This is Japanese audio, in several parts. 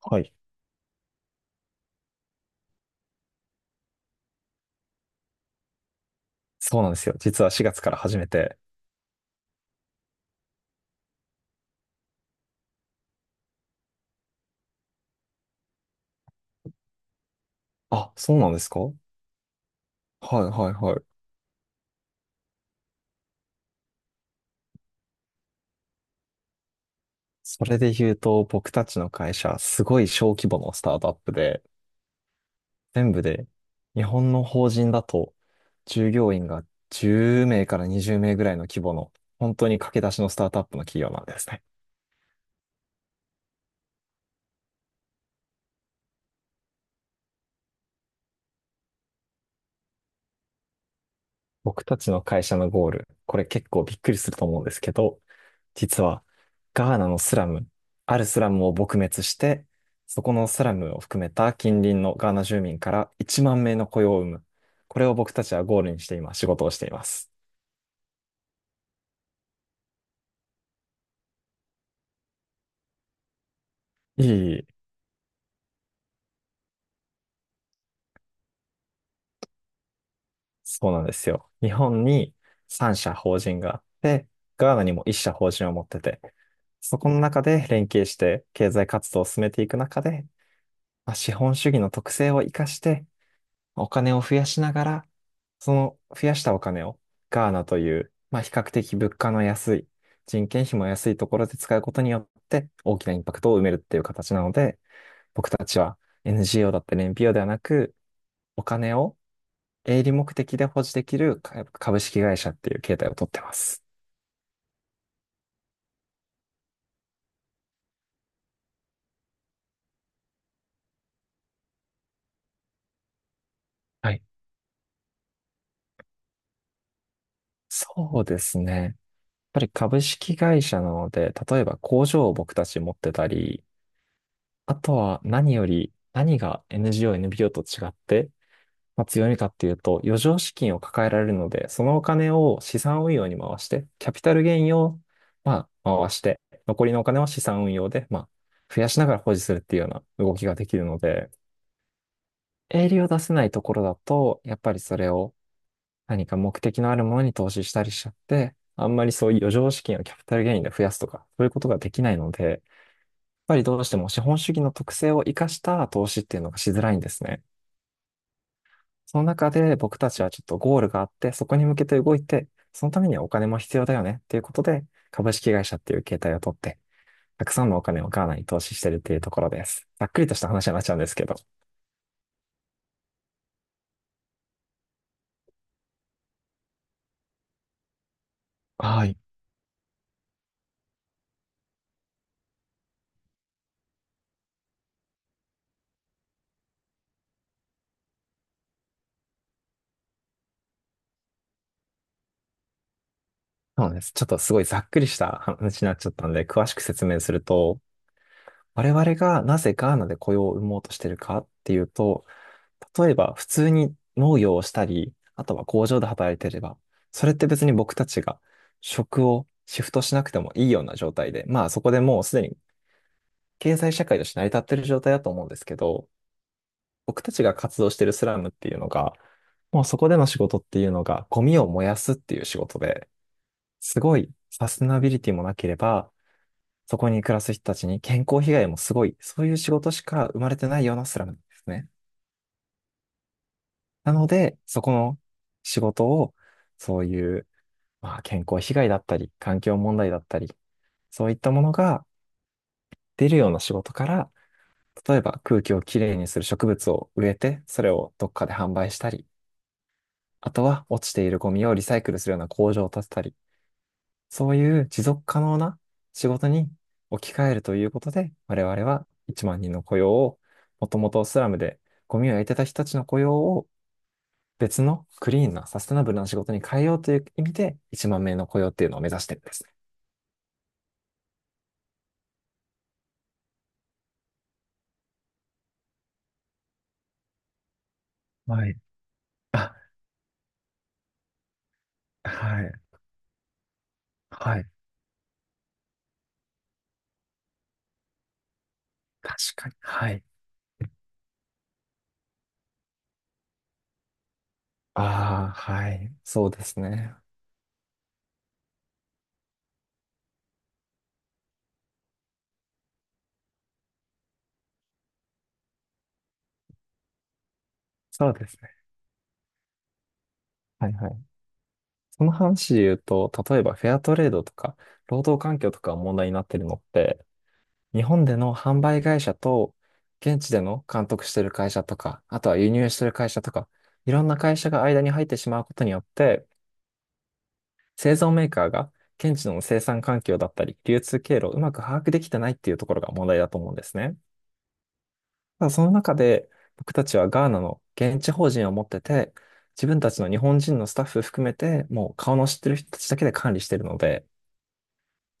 はい。そうなんですよ。実は4月から始めて。あ、そうなんですか。はいはいはい。それで言うと、僕たちの会社、すごい小規模のスタートアップで、全部で、日本の法人だと、従業員が10名から20名ぐらいの規模の、本当に駆け出しのスタートアップの企業なんですね。僕たちの会社のゴール、これ結構びっくりすると思うんですけど、実はガーナのスラム、あるスラムを撲滅して、そこのスラムを含めた近隣のガーナ住民から1万名の雇用を生む。これを僕たちはゴールにして今仕事をしています。いい、いい。そうなんですよ。日本に3社法人があって、ガーナにも1社法人を持ってて、そこの中で連携して経済活動を進めていく中で、まあ資本主義の特性を生かして、お金を増やしながら、その増やしたお金をガーナという、まあ、比較的物価の安い、人件費も安いところで使うことによって大きなインパクトを埋めるっていう形なので、僕たちは NGO だったり NPO ではなく、お金を営利目的で保持できるか株式会社っていう形態をとってます。はい。そうですね。やっぱり株式会社なので、例えば工場を僕たち持ってたり、あとは何より、何が NGO、NPO と違ってまあ、強みかっていうと、余剰資金を抱えられるので、そのお金を資産運用に回して、キャピタルゲインを、まあ、回して、残りのお金は資産運用で、まあ、増やしながら保持するっていうような動きができるので、営利を出せないところだと、やっぱりそれを何か目的のあるものに投資したりしちゃって、あんまりそういう余剰資金をキャピタルゲインで増やすとか、そういうことができないので、やっぱりどうしても資本主義の特性を生かした投資っていうのがしづらいんですね。その中で僕たちはちょっとゴールがあって、そこに向けて動いて、そのためにはお金も必要だよねっていうことで、株式会社っていう形態を取って、たくさんのお金をガーナに投資してるっていうところです。ざっくりとした話になっちゃうんですけど。はい。そうなんです。ちょっとすごいざっくりした話になっちゃったんで、詳しく説明すると、我々がなぜガーナで雇用を生もうとしてるかっていうと、例えば、普通に農業をしたり、あとは工場で働いてれば、それって別に僕たちが職をシフトしなくてもいいような状態で、まあそこでもうすでに経済社会として成り立ってる状態だと思うんですけど、僕たちが活動してるスラムっていうのが、もうそこでの仕事っていうのがゴミを燃やすっていう仕事で、すごいサステナビリティもなければ、そこに暮らす人たちに健康被害もすごい、そういう仕事しか生まれてないようなスラムですね。なので、そこの仕事を、そういう、まあ、健康被害だったり、環境問題だったり、そういったものが出るような仕事から、例えば空気をきれいにする植物を植えて、それをどっかで販売したり、あとは落ちているゴミをリサイクルするような工場を建てたり、そういう持続可能な仕事に置き換えるということで、我々は1万人の雇用を、もともとスラムでゴミを焼いてた人たちの雇用を別のクリーンなサステナブルな仕事に変えようという意味で1万名の雇用っていうのを目指してるんですね。はい。あ、はい。はい。確かに。はい。ああ、はい。そうですね。そうですね。はいはい。その話で言うと、例えばフェアトレードとか、労働環境とかが問題になってるのって、日本での販売会社と、現地での監督してる会社とか、あとは輸入してる会社とか、いろんな会社が間に入ってしまうことによって、製造メーカーが現地の生産環境だったり、流通経路をうまく把握できてないっていうところが問題だと思うんですね。ただその中で僕たちはガーナの現地法人を持ってて、自分たちの日本人のスタッフ含めて、もう顔の知ってる人たちだけで管理してるので、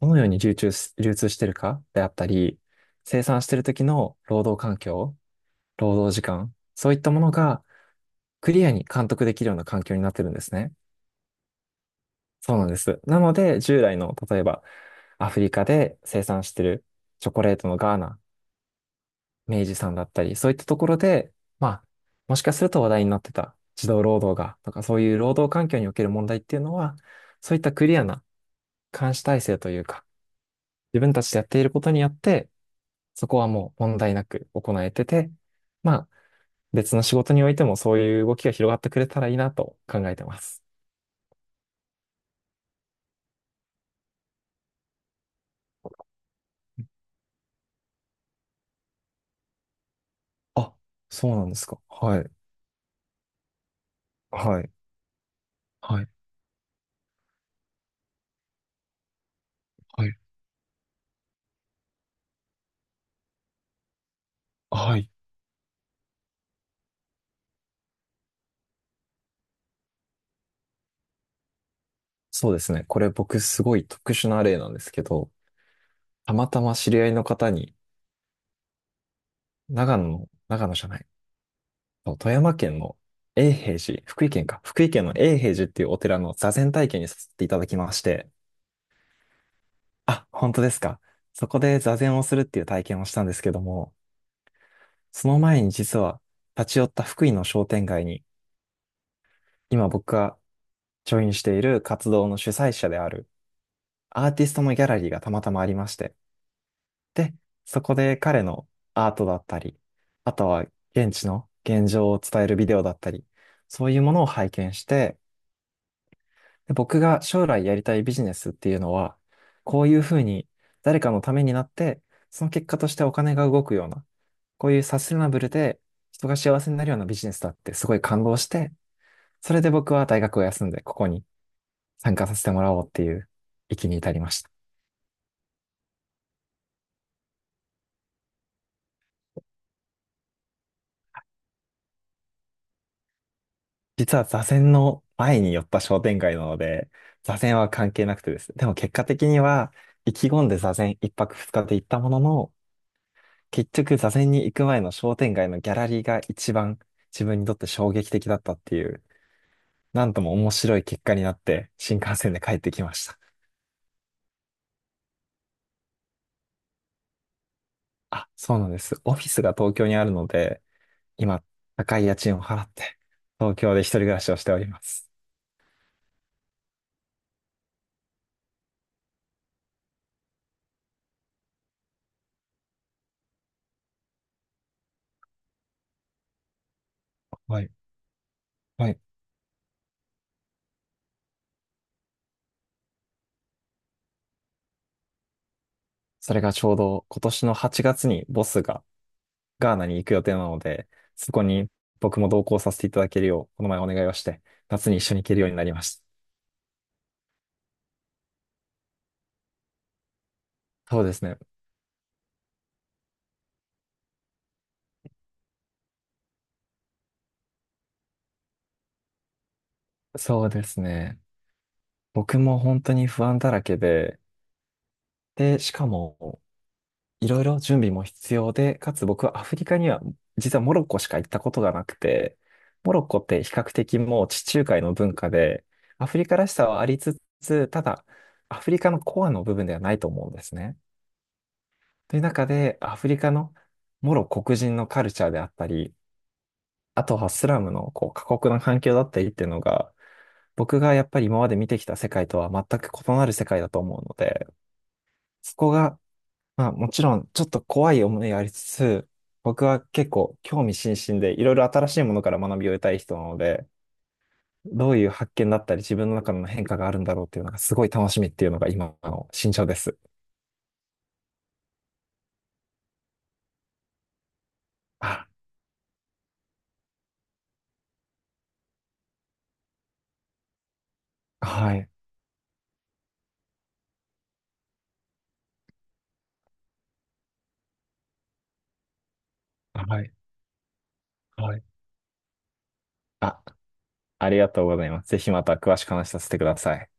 どのように流通し、流通してるかであったり、生産してる時の労働環境、労働時間、そういったものがクリアに監督できるような環境になってるんですね。そうなんです。なので、従来の、例えば、アフリカで生産してるチョコレートのガーナ、明治さんだったり、そういったところで、まあ、もしかすると話題になってた児童労働が、とかそういう労働環境における問題っていうのは、そういったクリアな監視体制というか、自分たちでやっていることによって、そこはもう問題なく行えてて、まあ、別の仕事においてもそういう動きが広がってくれたらいいなと考えてます。あ、そうなんですか。はい。はい。はい。はい。はい。そうですね。これ僕すごい特殊な例なんですけど、たまたま知り合いの方に、長野の、長野じゃない、そう富山県の永平寺、福井県か、福井県の永平寺っていうお寺の座禅体験にさせていただきまして、あ、本当ですか。そこで座禅をするっていう体験をしたんですけども、その前に実は立ち寄った福井の商店街に、今僕がジョインしている活動の主催者であるアーティストのギャラリーがたまたまありまして、で、そこで彼のアートだったり、あとは現地の現状を伝えるビデオだったり、そういうものを拝見して、で僕が将来やりたいビジネスっていうのは、こういうふうに誰かのためになって、その結果としてお金が動くような、こういうサステナブルで人が幸せになるようなビジネスだってすごい感動して、それで僕は大学を休んでここに参加させてもらおうっていう域に至りました。実は座禅の前に寄った商店街なので、座禅は関係なくてですね。でも結果的には、意気込んで座禅一泊二日で行ったものの、結局座禅に行く前の商店街のギャラリーが一番自分にとって衝撃的だったっていう、なんとも面白い結果になって新幹線で帰ってきました。あ、そうなんです。オフィスが東京にあるので、今、高い家賃を払って、東京で一人暮らしをしております。はい。はい。それがちょうど今年の8月にボスがガーナに行く予定なので、そこに僕も同行させていただけるよう、この前お願いをして、夏に一緒に行けるようになりました。そうですね。そうですね。僕も本当に不安だらけで、で、しかも、いろいろ準備も必要で、かつ僕はアフリカには、実はモロッコしか行ったことがなくて、モロッコって比較的もう地中海の文化で、アフリカらしさはありつつ、ただ、アフリカのコアの部分ではないと思うんですね。という中で、アフリカのもろ黒人のカルチャーであったり、あとはスラムのこう過酷な環境だったりっていうのが、僕がやっぱり今まで見てきた世界とは全く異なる世界だと思うので、そこが、まあもちろんちょっと怖い思いがありつつ、僕は結構興味津々でいろいろ新しいものから学びを得たい人なので、どういう発見だったり自分の中の変化があるんだろうっていうのがすごい楽しみっていうのが今の心情です。あ、はい、はい、はい。はい。あ、ありがとうございます。ぜひまた詳しく話させてください。